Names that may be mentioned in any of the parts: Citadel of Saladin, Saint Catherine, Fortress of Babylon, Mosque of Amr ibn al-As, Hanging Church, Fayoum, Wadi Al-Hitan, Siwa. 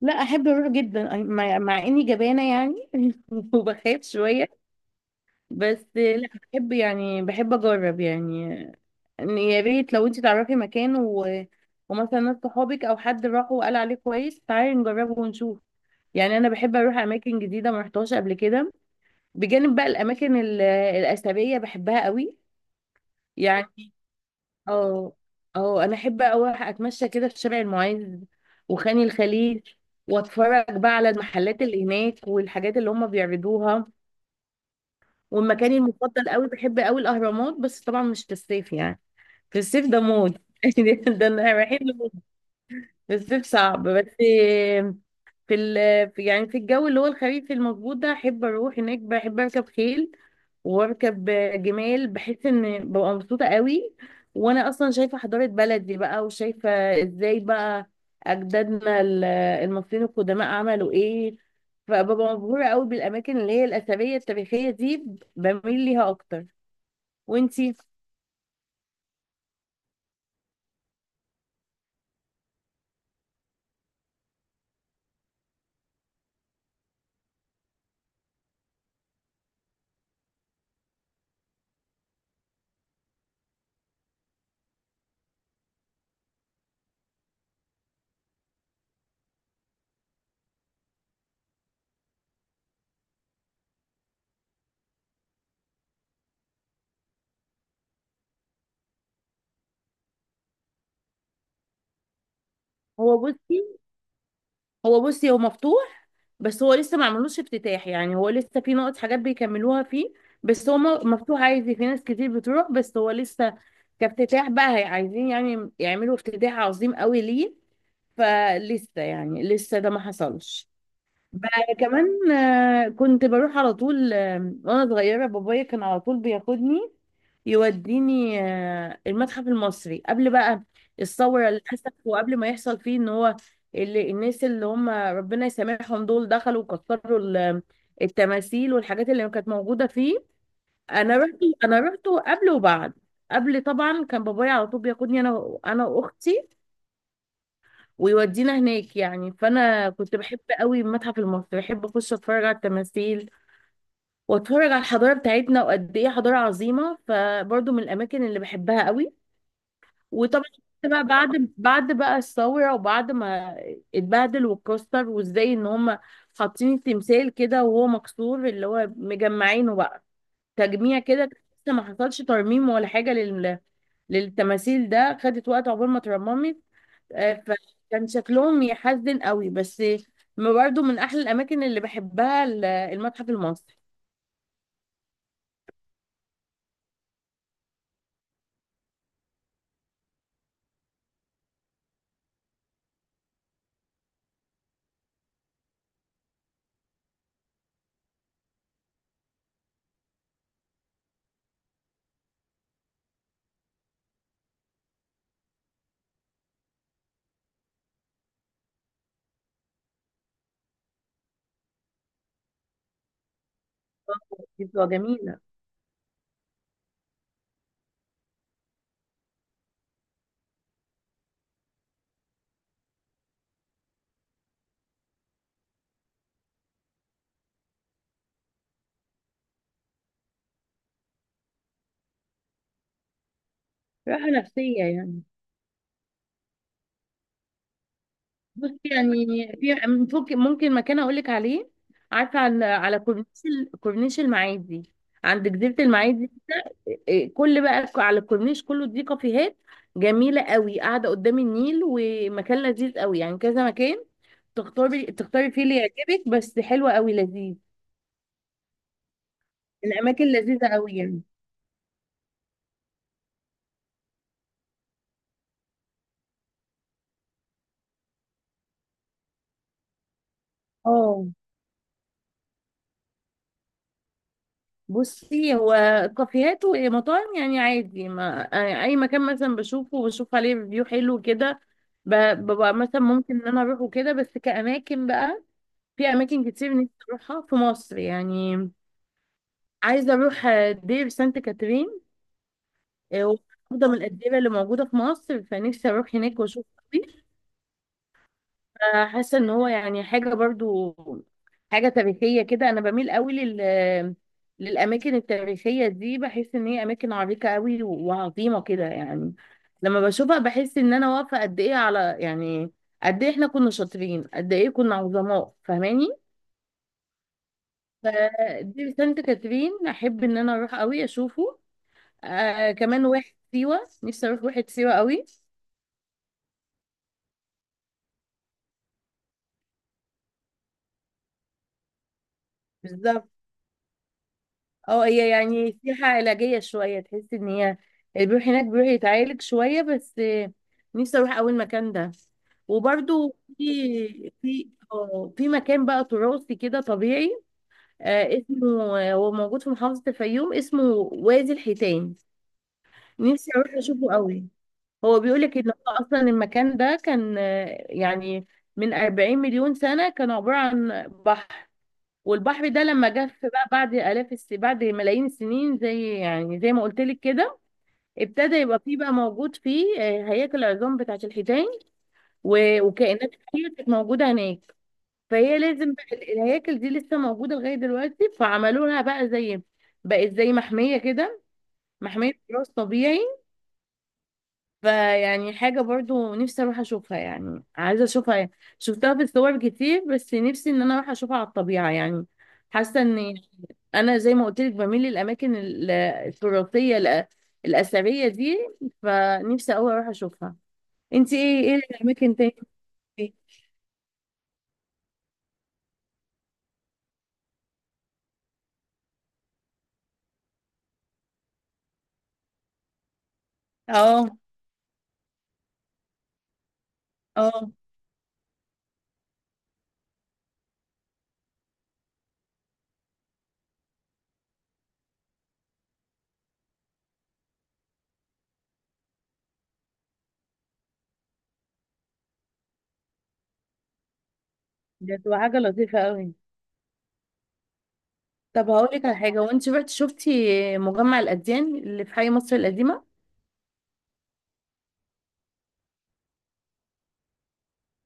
لا احب اروح جدا أي- مع مع اني جبانه يعني وبخاف شويه. بس لا بحب يعني بحب اجرب يعني. إن يا ريت لو انت تعرفي مكان ومثلا ناس صحابك او حد راح وقال عليه كويس، تعالي نجربه ونشوف. يعني انا بحب اروح اماكن جديده ما رحتهاش قبل كده، بجانب بقى الاماكن الاثريه بحبها قوي يعني. اه، اه انا احب اوي اتمشى كده في شارع المعز وخان الخليل، واتفرج بقى على المحلات اللي هناك والحاجات اللي هم بيعرضوها. والمكان المفضل قوي بحب قوي الاهرامات، بس طبعا مش في الصيف يعني. في الصيف ده موت ده احنا رايحين لموت. في الصيف صعب. بس في يعني في الجو اللي هو الخريف المظبوط ده احب اروح هناك، بحب اركب خيل واركب جمال. بحس ان ببقى مبسوطه قوي، وانا اصلا شايفه حضاره بلدي بقى، وشايفه ازاي بقى اجدادنا المصريين القدماء عملوا ايه. فببقى مبهوره قوي بالاماكن اللي هي الاثريه التاريخيه دي، بميل ليها اكتر. وانتي؟ هو بصي، هو بصي هو مفتوح، بس هو لسه ما عملوش افتتاح. يعني هو لسه في نقط حاجات بيكملوها فيه، بس هو مفتوح عادي، في ناس كتير بتروح، بس هو لسه كافتتاح بقى عايزين يعني يعملوا افتتاح عظيم قوي ليه، فلسه يعني لسه ده ما حصلش. بقى كمان كنت بروح على طول، وانا صغيره بابايا كان على طول بياخدني يوديني، المتحف المصري قبل بقى الثوره اللي حصلت، وقبل ما يحصل فيه ان هو اللي الناس اللي هم ربنا يسامحهم دول دخلوا وكسروا التماثيل والحاجات اللي كانت موجوده فيه. انا رحت، انا رحت قبل وبعد. قبل طبعا كان بابايا على طول بياخدني انا واختي ويودينا هناك يعني، فانا كنت بحب قوي المتحف المصري، بحب اخش اتفرج على التماثيل واتفرج على الحضاره بتاعتنا وقد ايه حضاره عظيمه. فبرضو من الاماكن اللي بحبها قوي. وطبعا كنت بقى بعد بقى الثوره، وبعد ما اتبهدل واتكسر وازاي ان هم حاطين التمثال كده وهو مكسور، اللي هو مجمعينه بقى تجميع كده، لسه ما حصلش ترميم ولا حاجه لل للتماثيل. ده خدت وقت عقبال ما اترممت. آه، فكان شكلهم يحزن قوي. بس ما برضو من احلى الاماكن اللي بحبها المتحف المصري. بتبقى جميله راحه نفسيه يعني. بصي يعني في، ممكن مكان اقول لك عليه. عارفه على على كورنيش كورنيش المعادي عند جزيره المعادي. كل بقى على الكورنيش كله دي كافيهات جميله قوي قاعده قدام النيل، ومكان لذيذ قوي يعني، كذا مكان تختاري، تختاري فيه اللي يعجبك، بس حلوه قوي لذيذ. الاماكن لذيذه قوي يعني. اه بصي، هو كافيهات ومطاعم يعني عادي، ما يعني اي مكان مثلا بشوفه وبشوف عليه ريفيو حلو كده ب- ببقى مثلا ممكن ان انا اروحه كده. بس كاماكن بقى، في اماكن كتير نفسي اروحها في مصر يعني. عايزه اروح دير سانت كاترين. آه، واحده من الاديره اللي موجوده في مصر، فنفسي اروح هناك واشوف. حاسه ان هو يعني حاجه برضو حاجه تاريخيه كده. انا بميل قوي لل للاماكن التاريخيه دي، بحس ان هي اماكن عريقه قوي وعظيمه كده يعني. لما بشوفها بحس ان انا واقفه قد ايه على، يعني قد ايه احنا كنا شاطرين، قد ايه كنا عظماء، فاهماني؟ فدي سانت كاترين احب ان انا اروح قوي اشوفه. آه كمان واحد سيوه، نفسي اروح واحد سيوه قوي. بالظبط. اه هي يعني سياحة علاجية شوية، تحس ان هي اللي بيروح هناك بيروح يتعالج شوية. بس نفسي اروح اول مكان ده. وبرضو في في مكان بقى تراثي كده طبيعي، آه اسمه، هو موجود في محافظة الفيوم، اسمه وادي الحيتان. نفسي اروح اشوفه قوي. هو بيقولك ان هو اصلا المكان ده كان، يعني من 40 مليون سنة كان عبارة عن بحر، والبحر ده لما جف بقى بعد بعد ملايين السنين، زي يعني زي ما قلت لك كده، ابتدى يبقى فيه بقى موجود فيه هياكل العظام بتاعة الحيتان وكائنات كتير كانت موجودة هناك. فهي لازم بقى الهياكل دي لسه موجودة لغاية دلوقتي، فعملوا لها بقى زي، بقت زي محمية كده، محمية تراث طبيعي. فيعني حاجة برضو نفسي اروح اشوفها يعني، عايزة اشوفها يعني. شفتها في الصور كتير بس نفسي ان انا اروح اشوفها على الطبيعة يعني. حاسة ان انا زي ما قلت لك بميل للاماكن التراثية الاثرية دي، فنفسي اوي اروح اشوفها. انت ايه، ايه الاماكن تاني دي؟ اه، اه ده تبقى حاجة لطيفة اوي. طب هقول لك على حاجة، وانت رحت شفتي مجمع الاديان اللي في حي مصر القديمة؟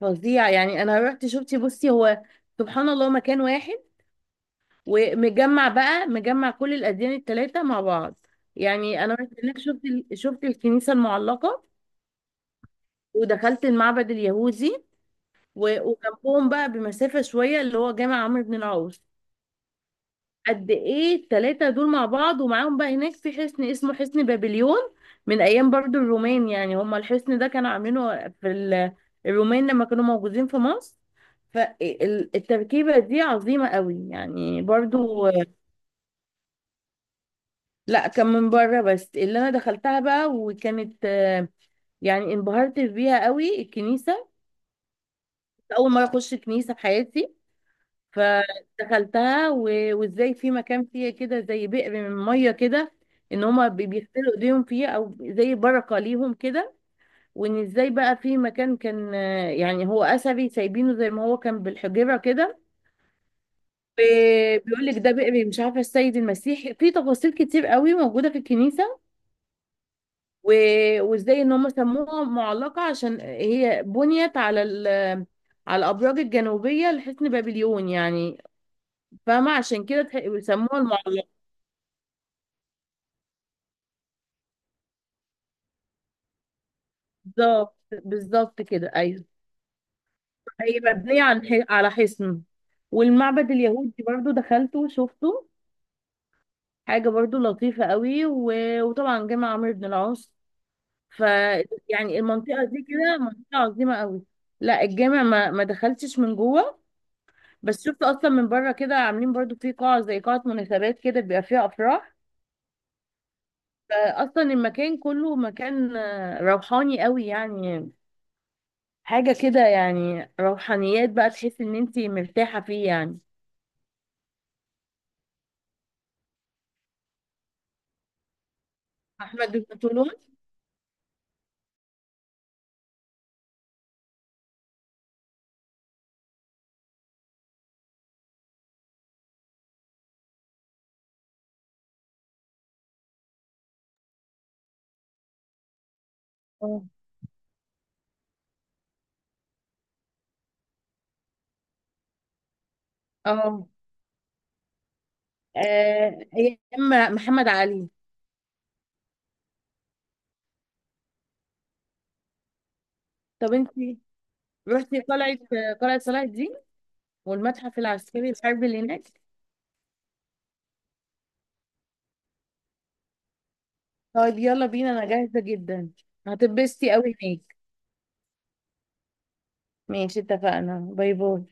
فظيع يعني. انا رحت شفتي بصي هو سبحان الله مكان واحد ومجمع بقى، مجمع كل الأديان التلاتة مع بعض. يعني أنا رحت هناك شفت شفت الكنيسة المعلقة ودخلت المعبد اليهودي وجنبهم بقى بمسافة شوية اللي هو جامع عمرو بن العاص. قد إيه التلاتة دول مع بعض، ومعاهم بقى هناك في حصن اسمه حصن بابليون من أيام برضو الرومان يعني. هما الحصن ده كانوا عاملينه في الرومان لما كانوا موجودين في مصر. فالتركيبة دي عظيمة قوي يعني برضو. لا كان من بره، بس اللي انا دخلتها بقى وكانت، يعني انبهرت بيها قوي الكنيسه. اول مره اخش كنيسه في حياتي، فدخلتها وازاي في مكان فيها كده زي بئر من ميه كده، ان هما بيغسلوا ايديهم فيه او زي بركه ليهم كده. وان ازاي بقى في مكان كان، يعني هو اثري سايبينه زي ما هو كان بالحجره كده. بيقول لك ده بئر مش عارفه السيد المسيح، في تفاصيل كتير قوي موجوده في الكنيسه. وازاي ان هم سموها معلقة عشان هي بنيت على على الابراج الجنوبيه لحصن بابليون يعني، فاهمه؟ عشان كده سموها المعلقه. بالظبط كده ايوه. هي مبنيه عن على حصن. والمعبد اليهودي برضو دخلته وشفته، حاجه برضو لطيفه قوي. وطبعا جامع عمرو بن العاص. ف يعني المنطقه دي كده منطقه عظيمه قوي. لا الجامع ما دخلتش من جوه، بس شفت اصلا من بره كده عاملين برضو في قاعة زي قاعة مناسبات كده بيبقى فيها افراح. فاصلا المكان كله مكان، روحاني قوي يعني، حاجة كده يعني روحانيات بقى، تحس ان انتي مرتاحة فيه يعني. احمد البطولون. اه، اه ايام محمد علي. طب انتي رحتي قلعة، قلعة صلاح الدين والمتحف العسكري الحربي اللي هناك؟ طيب يلا بينا انا جاهزة جدا. هتتبسطي قوي هناك. ماشي اتفقنا، باي باي.